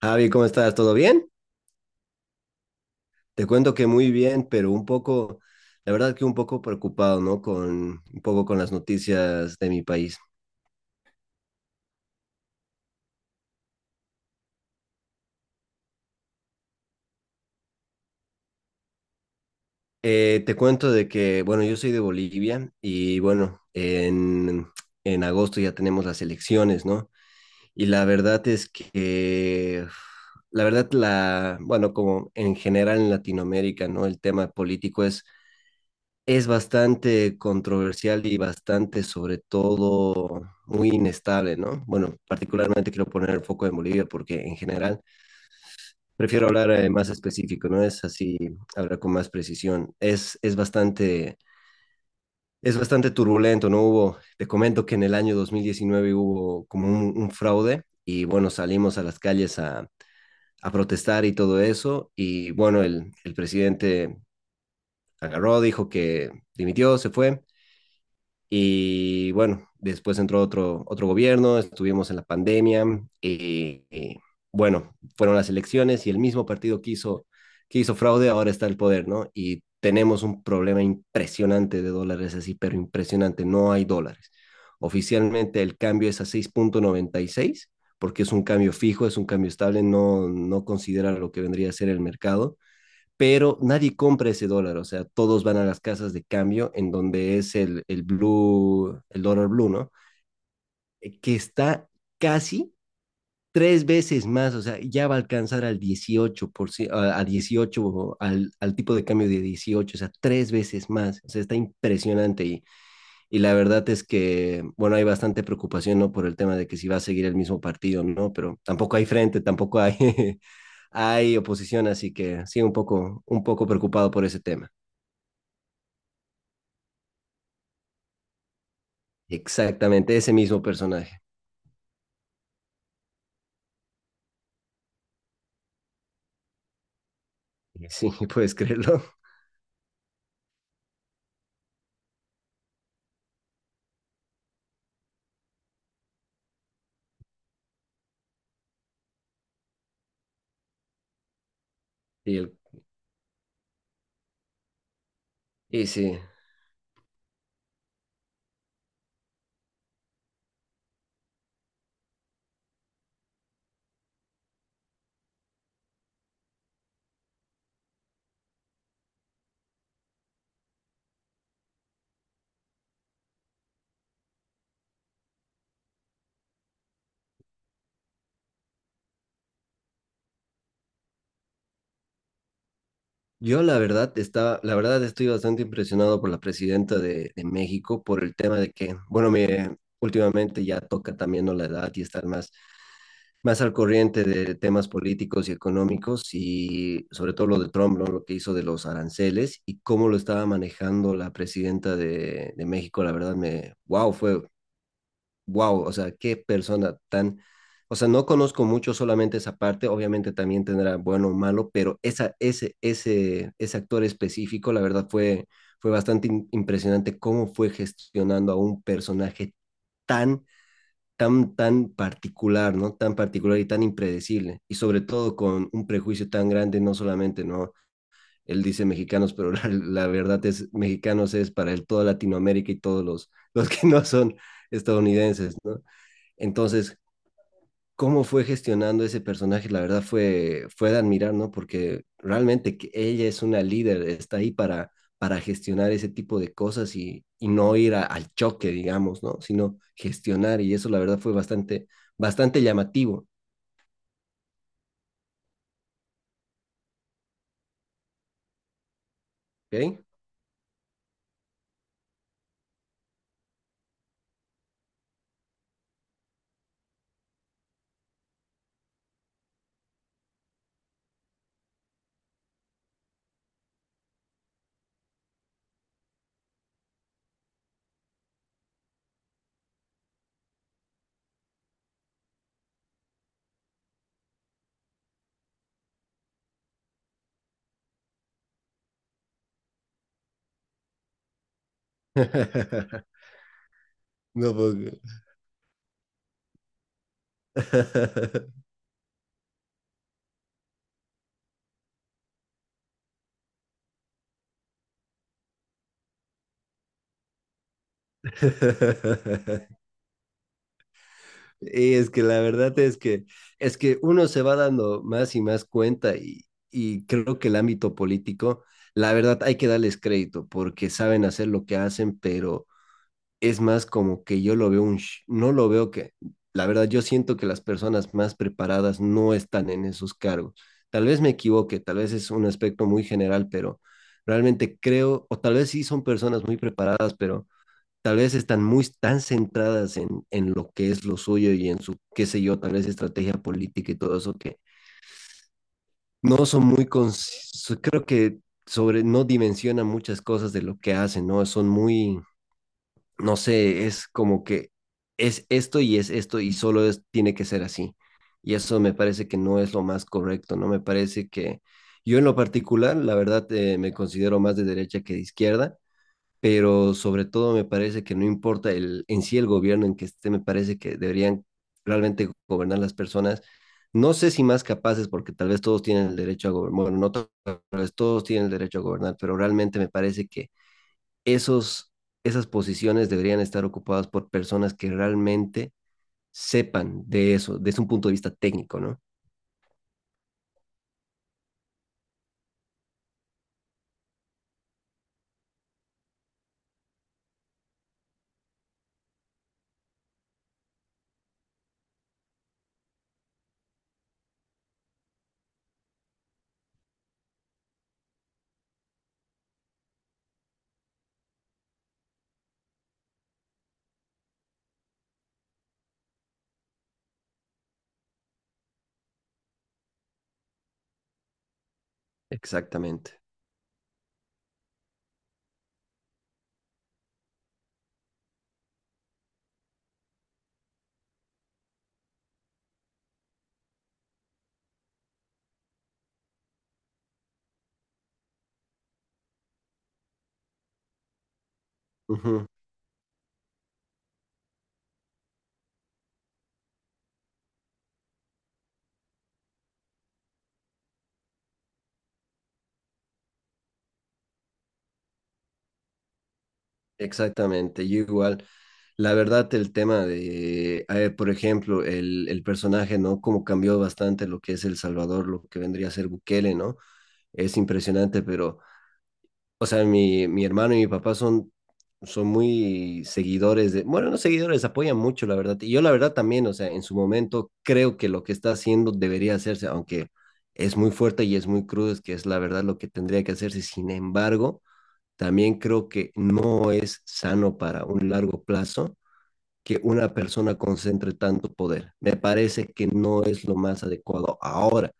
Javi, ¿cómo estás? ¿Todo bien? Te cuento que muy bien, pero un poco, la verdad que un poco preocupado, ¿no? Con un poco con las noticias de mi país. Te cuento de que, bueno, yo soy de Bolivia y bueno, en agosto ya tenemos las elecciones, ¿no? Y la verdad es que, la verdad, bueno, como en general en Latinoamérica, ¿no? El tema político es bastante controversial y bastante, sobre todo, muy inestable, ¿no? Bueno, particularmente quiero poner el foco en Bolivia porque en general prefiero hablar más específico, ¿no? Es así, hablar con más precisión. Es bastante turbulento, ¿no? Hubo, te comento que en el año 2019 hubo como un fraude y bueno, salimos a las calles a protestar y todo eso y bueno, el presidente agarró, dijo que dimitió, se fue. Y bueno, después entró otro gobierno, estuvimos en la pandemia. Y bueno, fueron las elecciones y el mismo partido que hizo fraude ahora está al poder, ¿no? Y tenemos un problema impresionante de dólares así, pero impresionante, no hay dólares. Oficialmente el cambio es a 6,96 porque es un cambio fijo, es un cambio estable, no considera lo que vendría a ser el mercado, pero nadie compra ese dólar, o sea, todos van a las casas de cambio, en donde es el blue, el dólar blue, ¿no? Que está casi tres veces más, o sea, ya va a alcanzar al 18%, a 18, al tipo de cambio de 18, o sea, tres veces más, o sea, está impresionante, y la verdad es que, bueno, hay bastante preocupación, ¿no? Por el tema de que si va a seguir el mismo partido, ¿no? Pero tampoco hay frente, tampoco hay, hay oposición, así que sí, un poco preocupado por ese tema. Exactamente ese mismo personaje. Sí, puedes creerlo. Y, el, y sí, yo la verdad estaba, la verdad estoy bastante impresionado por la presidenta de México, por el tema de que, bueno, últimamente ya toca también, ¿no?, la edad, y estar más al corriente de temas políticos y económicos, y sobre todo lo de Trump, ¿no?, lo que hizo de los aranceles y cómo lo estaba manejando la presidenta de México, la verdad wow, fue, wow, o sea, qué persona tan, o sea, no conozco mucho, solamente esa parte, obviamente también tendrá bueno o malo, pero ese actor específico, la verdad fue bastante impresionante cómo fue gestionando a un personaje tan, tan particular, ¿no? Tan particular y tan impredecible, y sobre todo con un prejuicio tan grande, no solamente, ¿no? Él dice mexicanos, pero la verdad es, mexicanos es para él toda Latinoamérica y todos los que no son estadounidenses, ¿no? Entonces, cómo fue gestionando ese personaje, la verdad fue de admirar, ¿no? Porque realmente que ella es una líder, está ahí para gestionar ese tipo de cosas, y no ir al choque, digamos, ¿no? Sino gestionar, y eso la verdad fue bastante, bastante llamativo. ¿Ok? No puedo creer. Y es que la verdad es que uno se va dando más y más cuenta, y creo que el ámbito político, la verdad hay que darles crédito porque saben hacer lo que hacen, pero es más como que yo lo veo no lo veo que, la verdad yo siento que las personas más preparadas no están en esos cargos. Tal vez me equivoque, tal vez es un aspecto muy general, pero realmente creo, o tal vez sí son personas muy preparadas, pero tal vez están muy tan centradas en lo que es lo suyo y en su, qué sé yo, tal vez estrategia política y todo eso, que no son creo que no dimensionan muchas cosas de lo que hacen, ¿no? Son muy, no sé, es como que es esto y es esto, y solo es, tiene que ser así. Y eso me parece que no es lo más correcto, ¿no? Me parece que yo en lo particular, la verdad, me considero más de derecha que de izquierda, pero sobre todo me parece que no importa en sí el gobierno en que esté, me parece que deberían realmente gobernar las personas. No sé si más capaces, porque tal vez todos tienen el derecho a gobernar, bueno, no to- tal vez todos tienen el derecho a gobernar, pero realmente me parece que esos, esas posiciones deberían estar ocupadas por personas que realmente sepan de eso, desde un punto de vista técnico, ¿no? Exactamente. Ujú. Exactamente, yo igual. La verdad, el tema de, a ver, por ejemplo, el personaje, ¿no? Cómo cambió bastante lo que es El Salvador, lo que vendría a ser Bukele, ¿no? Es impresionante, pero, o sea, mi hermano y mi papá son muy seguidores de, bueno, no seguidores, apoyan mucho, la verdad. Y yo, la verdad, también, o sea, en su momento creo que lo que está haciendo debería hacerse, aunque es muy fuerte y es muy crudo, es que es la verdad lo que tendría que hacerse. Sin embargo, también creo que no es sano para un largo plazo que una persona concentre tanto poder. Me parece que no es lo más adecuado ahora.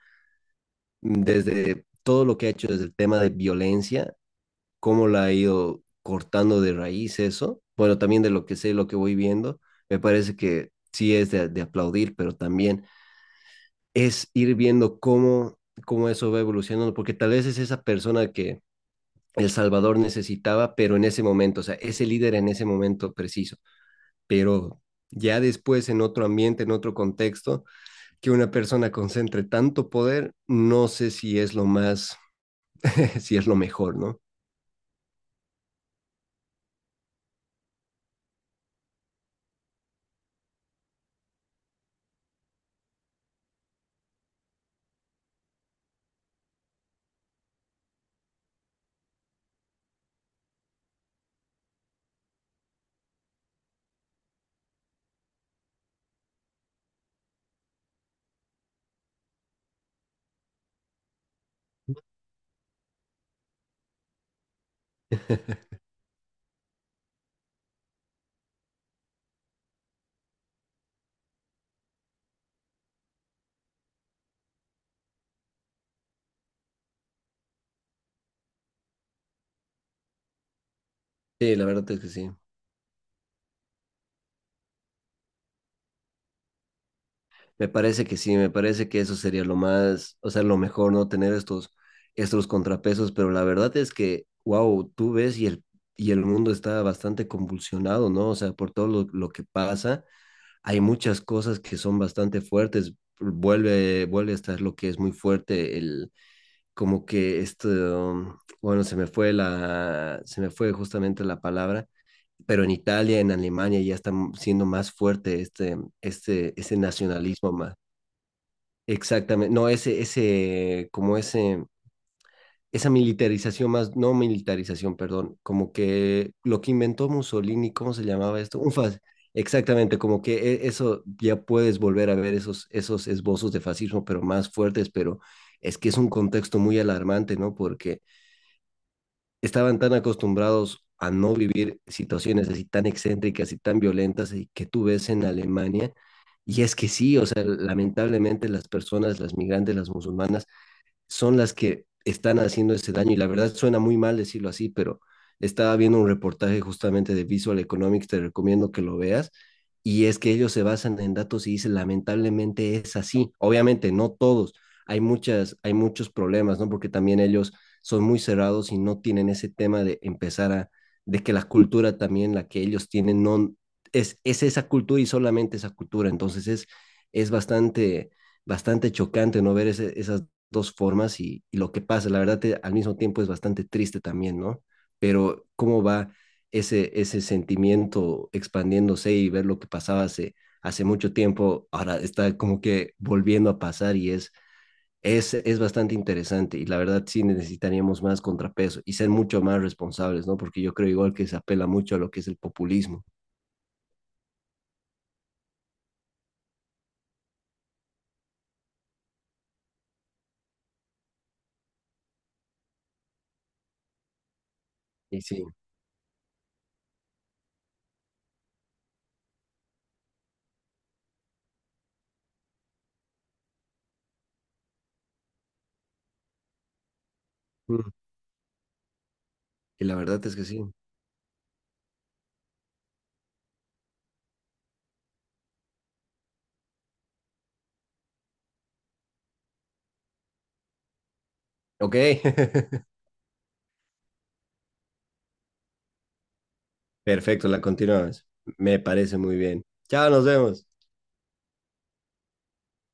Desde todo lo que ha hecho, desde el tema de violencia, cómo la ha ido cortando de raíz eso, bueno, también de lo que sé, lo que voy viendo, me parece que sí es de aplaudir, pero también es ir viendo cómo eso va evolucionando, porque tal vez es esa persona que El Salvador necesitaba, pero en ese momento, o sea, ese líder en ese momento preciso, pero ya después en otro ambiente, en otro contexto, que una persona concentre tanto poder, no sé si es lo más, si es lo mejor, ¿no? Sí, la verdad es que sí. Me parece que sí, me parece que eso sería lo más, o sea, lo mejor, ¿no? Tener estos contrapesos, pero la verdad es que, wow, tú ves y el mundo está bastante convulsionado, ¿no? O sea, por todo lo que pasa hay muchas cosas que son bastante fuertes. Vuelve a estar lo que es muy fuerte, como que esto, bueno, se me fue se me fue justamente la palabra, pero en Italia, en Alemania ya está siendo más fuerte ese nacionalismo más. Exactamente, no, esa militarización más, no militarización, perdón, como que lo que inventó Mussolini, ¿cómo se llamaba esto? Exactamente, como que eso ya puedes volver a ver esos, esbozos de fascismo, pero más fuertes, pero es que es un contexto muy alarmante, ¿no? Porque estaban tan acostumbrados a no vivir situaciones así tan excéntricas y tan violentas, y que tú ves en Alemania. Y es que sí, o sea, lamentablemente las personas, las migrantes, las musulmanas, son las que están haciendo ese daño. Y la verdad suena muy mal decirlo así, pero estaba viendo un reportaje justamente de Visual Economics, te recomiendo que lo veas. Y es que ellos se basan en datos y dicen, lamentablemente es así. Obviamente, no todos. Hay muchos problemas, ¿no? Porque también ellos son muy cerrados y no tienen ese tema de empezar de que la cultura también, la que ellos tienen, no, es esa cultura y solamente esa cultura. Entonces es bastante, bastante chocante no ver esas dos formas, y lo que pasa. La verdad, al mismo tiempo es bastante triste también, ¿no? Pero cómo va ese sentimiento expandiéndose, y ver lo que pasaba hace mucho tiempo, ahora está como que volviendo a pasar, y es bastante interesante. Y la verdad, sí necesitaríamos más contrapeso y ser mucho más responsables, ¿no? Porque yo creo igual que se apela mucho a lo que es el populismo. Y sí, mm, y la verdad es que sí. Ok, perfecto, la continuamos. Me parece muy bien. Chao, nos vemos.